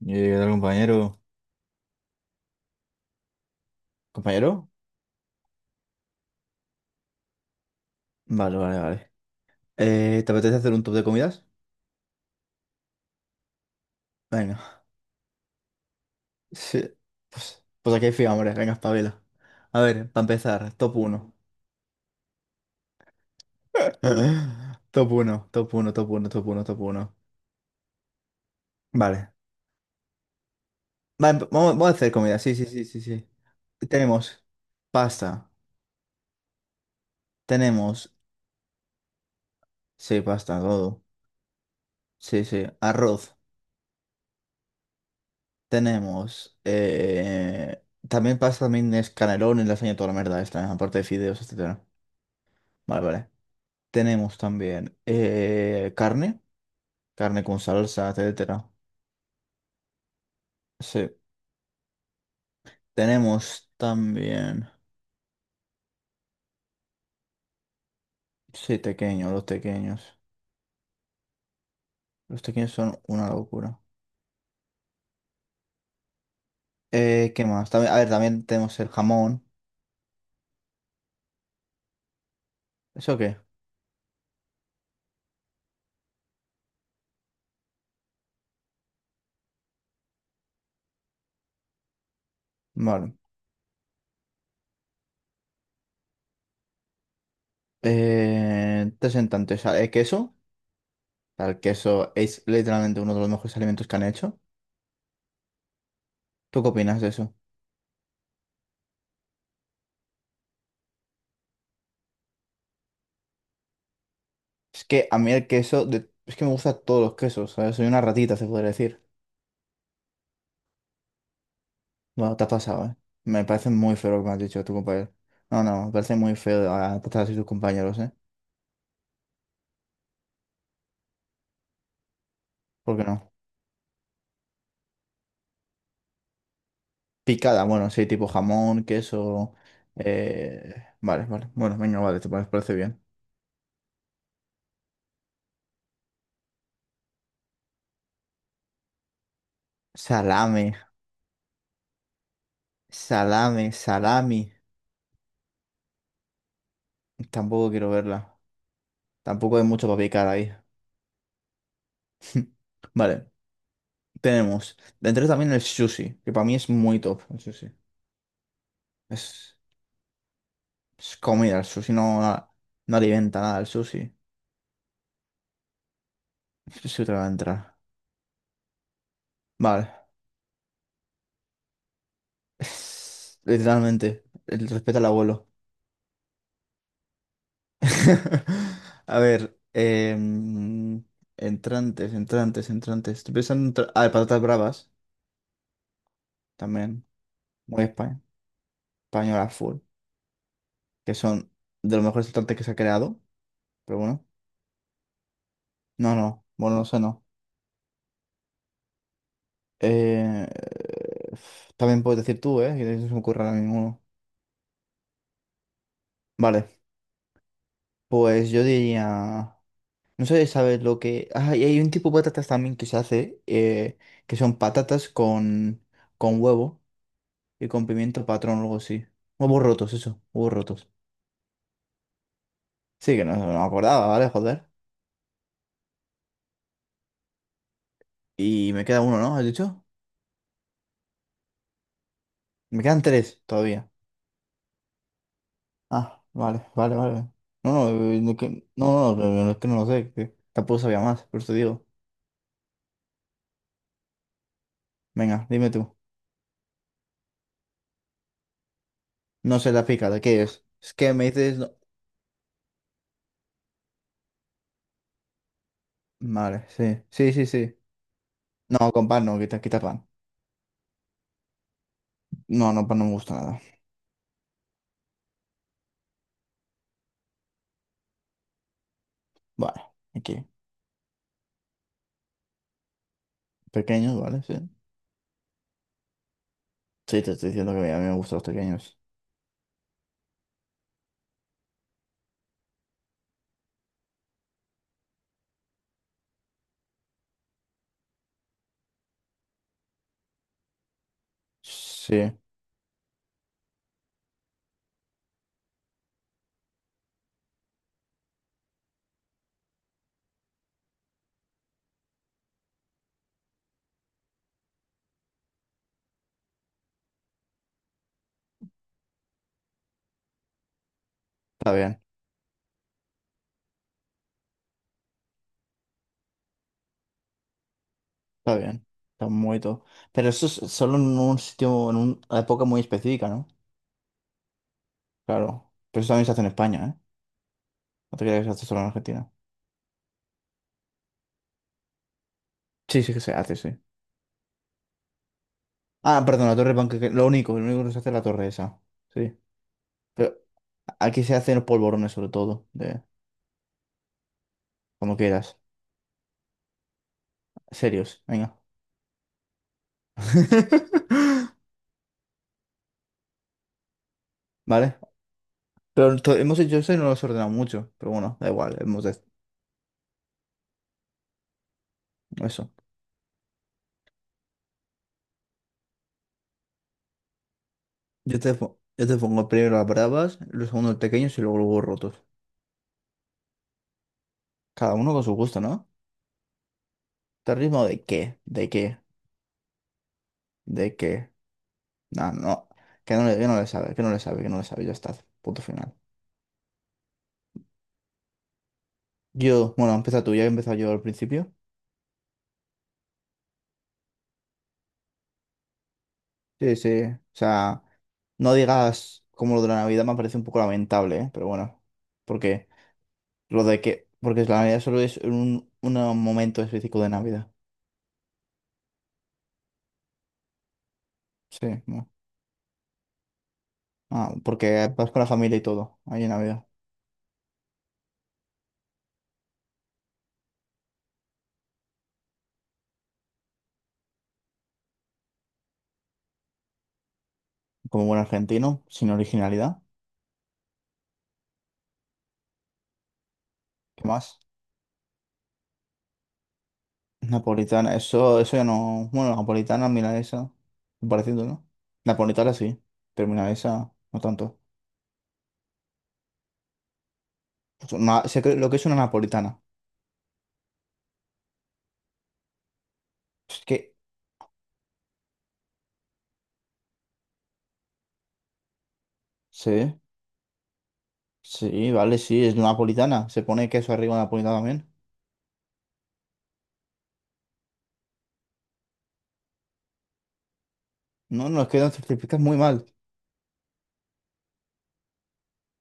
Yo llegué al compañero. ¿Compañero? Vale, vale, vale. ¿Te apetece hacer un top de comidas? Venga. Sí. Pues aquí hay fiambres, venga, espabila. A ver, para empezar, top uno. Top uno, top uno, top uno, top uno, top uno. Vale. Vale, vamos a hacer comida. Sí, sí, sí, sí, sí. Tenemos pasta. Tenemos. Sí, pasta, todo. Sí, sí. Arroz. Tenemos. También pasta, también es canelones, lasaña, toda la mierda esta, aparte de fideos, etcétera. Vale, vale. Tenemos también carne, carne con salsa, etcétera. Sí. Tenemos también, sí, tequeños, los tequeños. Los tequeños son una locura. ¿Qué más? También, a ver, también tenemos el jamón. ¿Eso qué? Vale. Tres en tanto, o sea, el queso. O sea, el queso es literalmente uno de los mejores alimentos que han hecho. ¿Tú qué opinas de eso? Es que a mí el queso, es que me gustan todos los quesos, ¿sabes? Soy una ratita, se podría decir. Bueno, te has pasado, ¿eh? Me parece muy feo lo que me has dicho de tu compañero. No, no, me parece muy feo tratar así a tus compañeros, ¿eh? ¿Por qué no? Picada, bueno, sí, tipo jamón, queso. eh, Vale, vale. Bueno, venga, vale, parece bien. Salame, salame, salami. Tampoco quiero verla. Tampoco hay mucho para picar ahí. Vale, tenemos. Dentro también el sushi, que para mí es muy top el sushi. Es, es comida, el sushi no, no alimenta nada, el sushi. El sushi te va a entrar. Vale. Literalmente, el respeto al abuelo. A ver, entrantes, entrantes, entrantes. Estoy pensando en... Ah, de patatas bravas, también. Muy espa- Española full. Que son de los mejores entrantes que se ha creado. Pero bueno. No, no. Bueno, no sé, no. Eh, también puedes decir tú, ¿eh? Que no se me ocurre ahora ninguno. Vale, pues yo diría... No sé, si ¿sabes lo que...? Ah, y hay un tipo de patatas también que se hace, que son patatas con huevo y con pimiento patrón o algo así. Huevos rotos, eso, huevos rotos. Sí, que no, no me acordaba, ¿vale? Joder. Y me queda uno, ¿no? ¿Has dicho? Me quedan tres todavía. Ah, vale, vale, vale. No, no, no, no, no, no, no, es que no lo sé, que tampoco sabía más, por eso digo. Venga, dime tú. No sé la pica, ¿de qué es? Es que me dices... Vale, sí, sí, sí, sí. No, con pan no, quita, quita pan. No, no, pan no me gusta nada. Vale, aquí. Pequeños, ¿vale? Sí. Sí, te estoy diciendo que a mí me gustan los pequeños. Sí, está bien, está bien. Está muy todo. Pero eso es solo en un sitio, en una época muy específica, ¿no? Claro. Pero eso también se hace en España, ¿eh? No te creas que se hace solo en Argentina. Sí, sí que se hace, sí. Ah, perdón, la torre panqueque. Lo único que se hace es la torre esa. Sí. Pero aquí se hacen los polvorones, sobre todo. De, como quieras. Serios, venga. Vale. Pero hemos hecho eso y no lo hemos ordenado mucho. Pero bueno, da igual. Hemos. Eso. Yo te, yo te pongo primero las bravas, los segundos pequeños y luego los huevos rotos. Cada uno con su gusto, ¿no? ¿Terrorismo de qué? ¿De qué? ¿De qué? No, no. Que no le sabe, que no le sabe, que no le sabe. Ya está. Punto final. Yo, bueno, empieza tú, ya he empezado yo al principio. Sí, sí. O sea, no digas, como lo de la Navidad me parece un poco lamentable, ¿eh? Pero bueno. Porque lo de que. Porque la Navidad solo es un momento específico de Navidad. Sí, no. Ah, porque vas con la familia y todo, ahí en Navidad. Como buen argentino, sin originalidad. ¿Qué más? Napolitana, eso ya no. Bueno, napolitana, milanesa, pareciendo ¿no? Napolitana sí, pero milanesa no tanto. Lo que es una napolitana. Es que, sí, sí, vale, sí, es napolitana. Se pone queso arriba de napolitana también. No, no, es que lo certificas muy mal.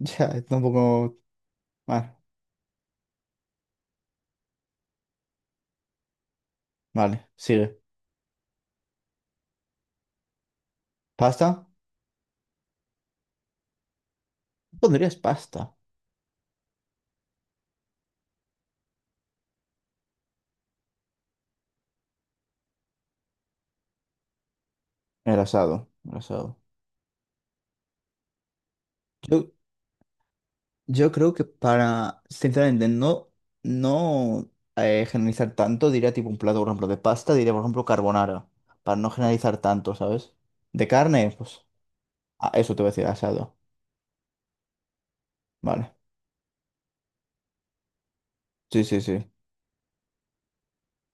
Ya, tampoco. Vale, vale, sigue. ¿Pasta? ¿Pondrías pasta? El asado, el asado. Yo, Yo creo que para, sinceramente, no, no generalizar tanto, diría tipo un plato, por ejemplo, de pasta, diría, por ejemplo, carbonara, para no generalizar tanto, ¿sabes? De carne, pues, eso te voy a decir, asado, vale. Sí, sí, sí.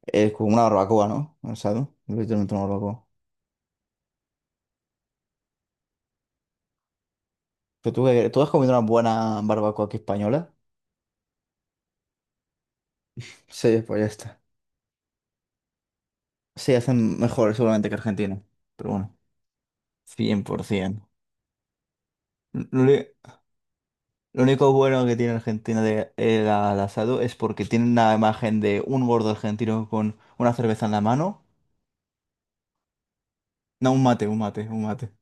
Es como una barbacoa, ¿no? Asado, literalmente una barbacoa. Pero tú, ¿tú has comido una buena barbacoa aquí española? Sí, pues ya está. Sí, hacen mejor seguramente que Argentina, pero bueno, 100%. Lo único bueno que tiene Argentina de el al asado es porque tienen la imagen de un gordo argentino con una cerveza en la mano. No, un mate, un mate, un mate.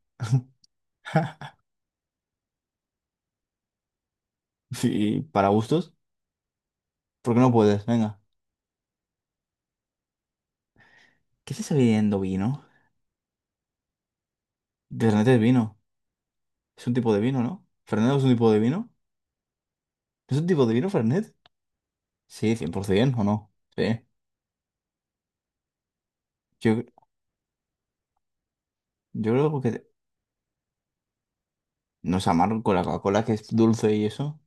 Sí, para gustos. ¿Por qué no puedes? Venga. ¿Qué se está bebiendo vino? De Fernet es vino. Es un tipo de vino, ¿no? ¿Fernet no es un tipo de vino? ¿Es un tipo de vino, Fernet? Sí, 100%, ¿o no? Sí. Yo, yo creo que no es amargo con la Coca-Cola, que es dulce y eso.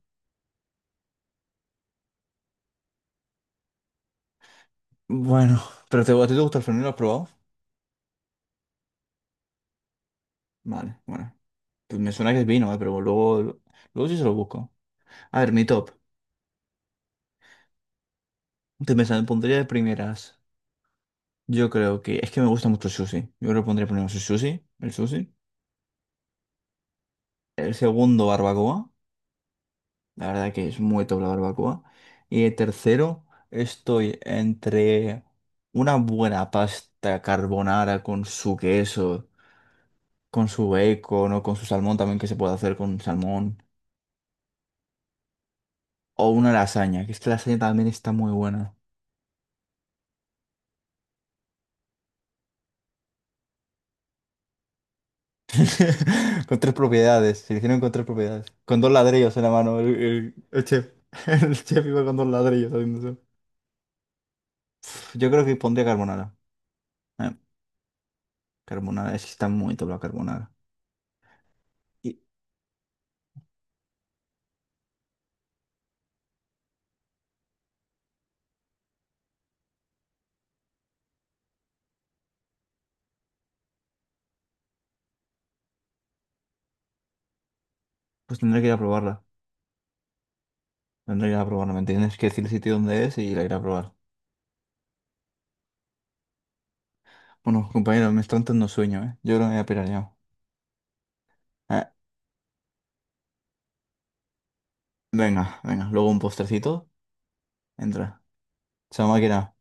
Bueno, pero te, ¿a ti te gusta el Fernet? ¿Lo has probado? Vale, bueno. Pues me suena que es vino, pero luego, luego sí se lo busco. A ver, mi top. Te pensando, pondría de primeras. Yo creo que es que me gusta mucho el sushi. Yo creo que pondría primero sushi. El segundo, barbacoa. La verdad que es muy top la barbacoa. Y el tercero, estoy entre una buena pasta carbonara con su queso, con su bacon o con su salmón también que se puede hacer con salmón. O una lasaña, que es que la lasaña también está muy buena. Con tres propiedades, se le hicieron con tres propiedades. Con dos ladrillos en la mano, el chef. El chef iba con dos ladrillos haciendo eso. Yo creo que pondría carbonara. Eh, carbonara, es que está muy top la carbonara. Y pues tendré que ir a probarla. Tendré que ir a probarla, ¿me entiendes? Que decir el sitio donde es y la iré a probar. Bueno, compañeros, me está entrando sueño, ¿eh? Yo creo que me voy a pirar ya. Eh, venga, venga, luego un postrecito. Entra. Chao, máquina.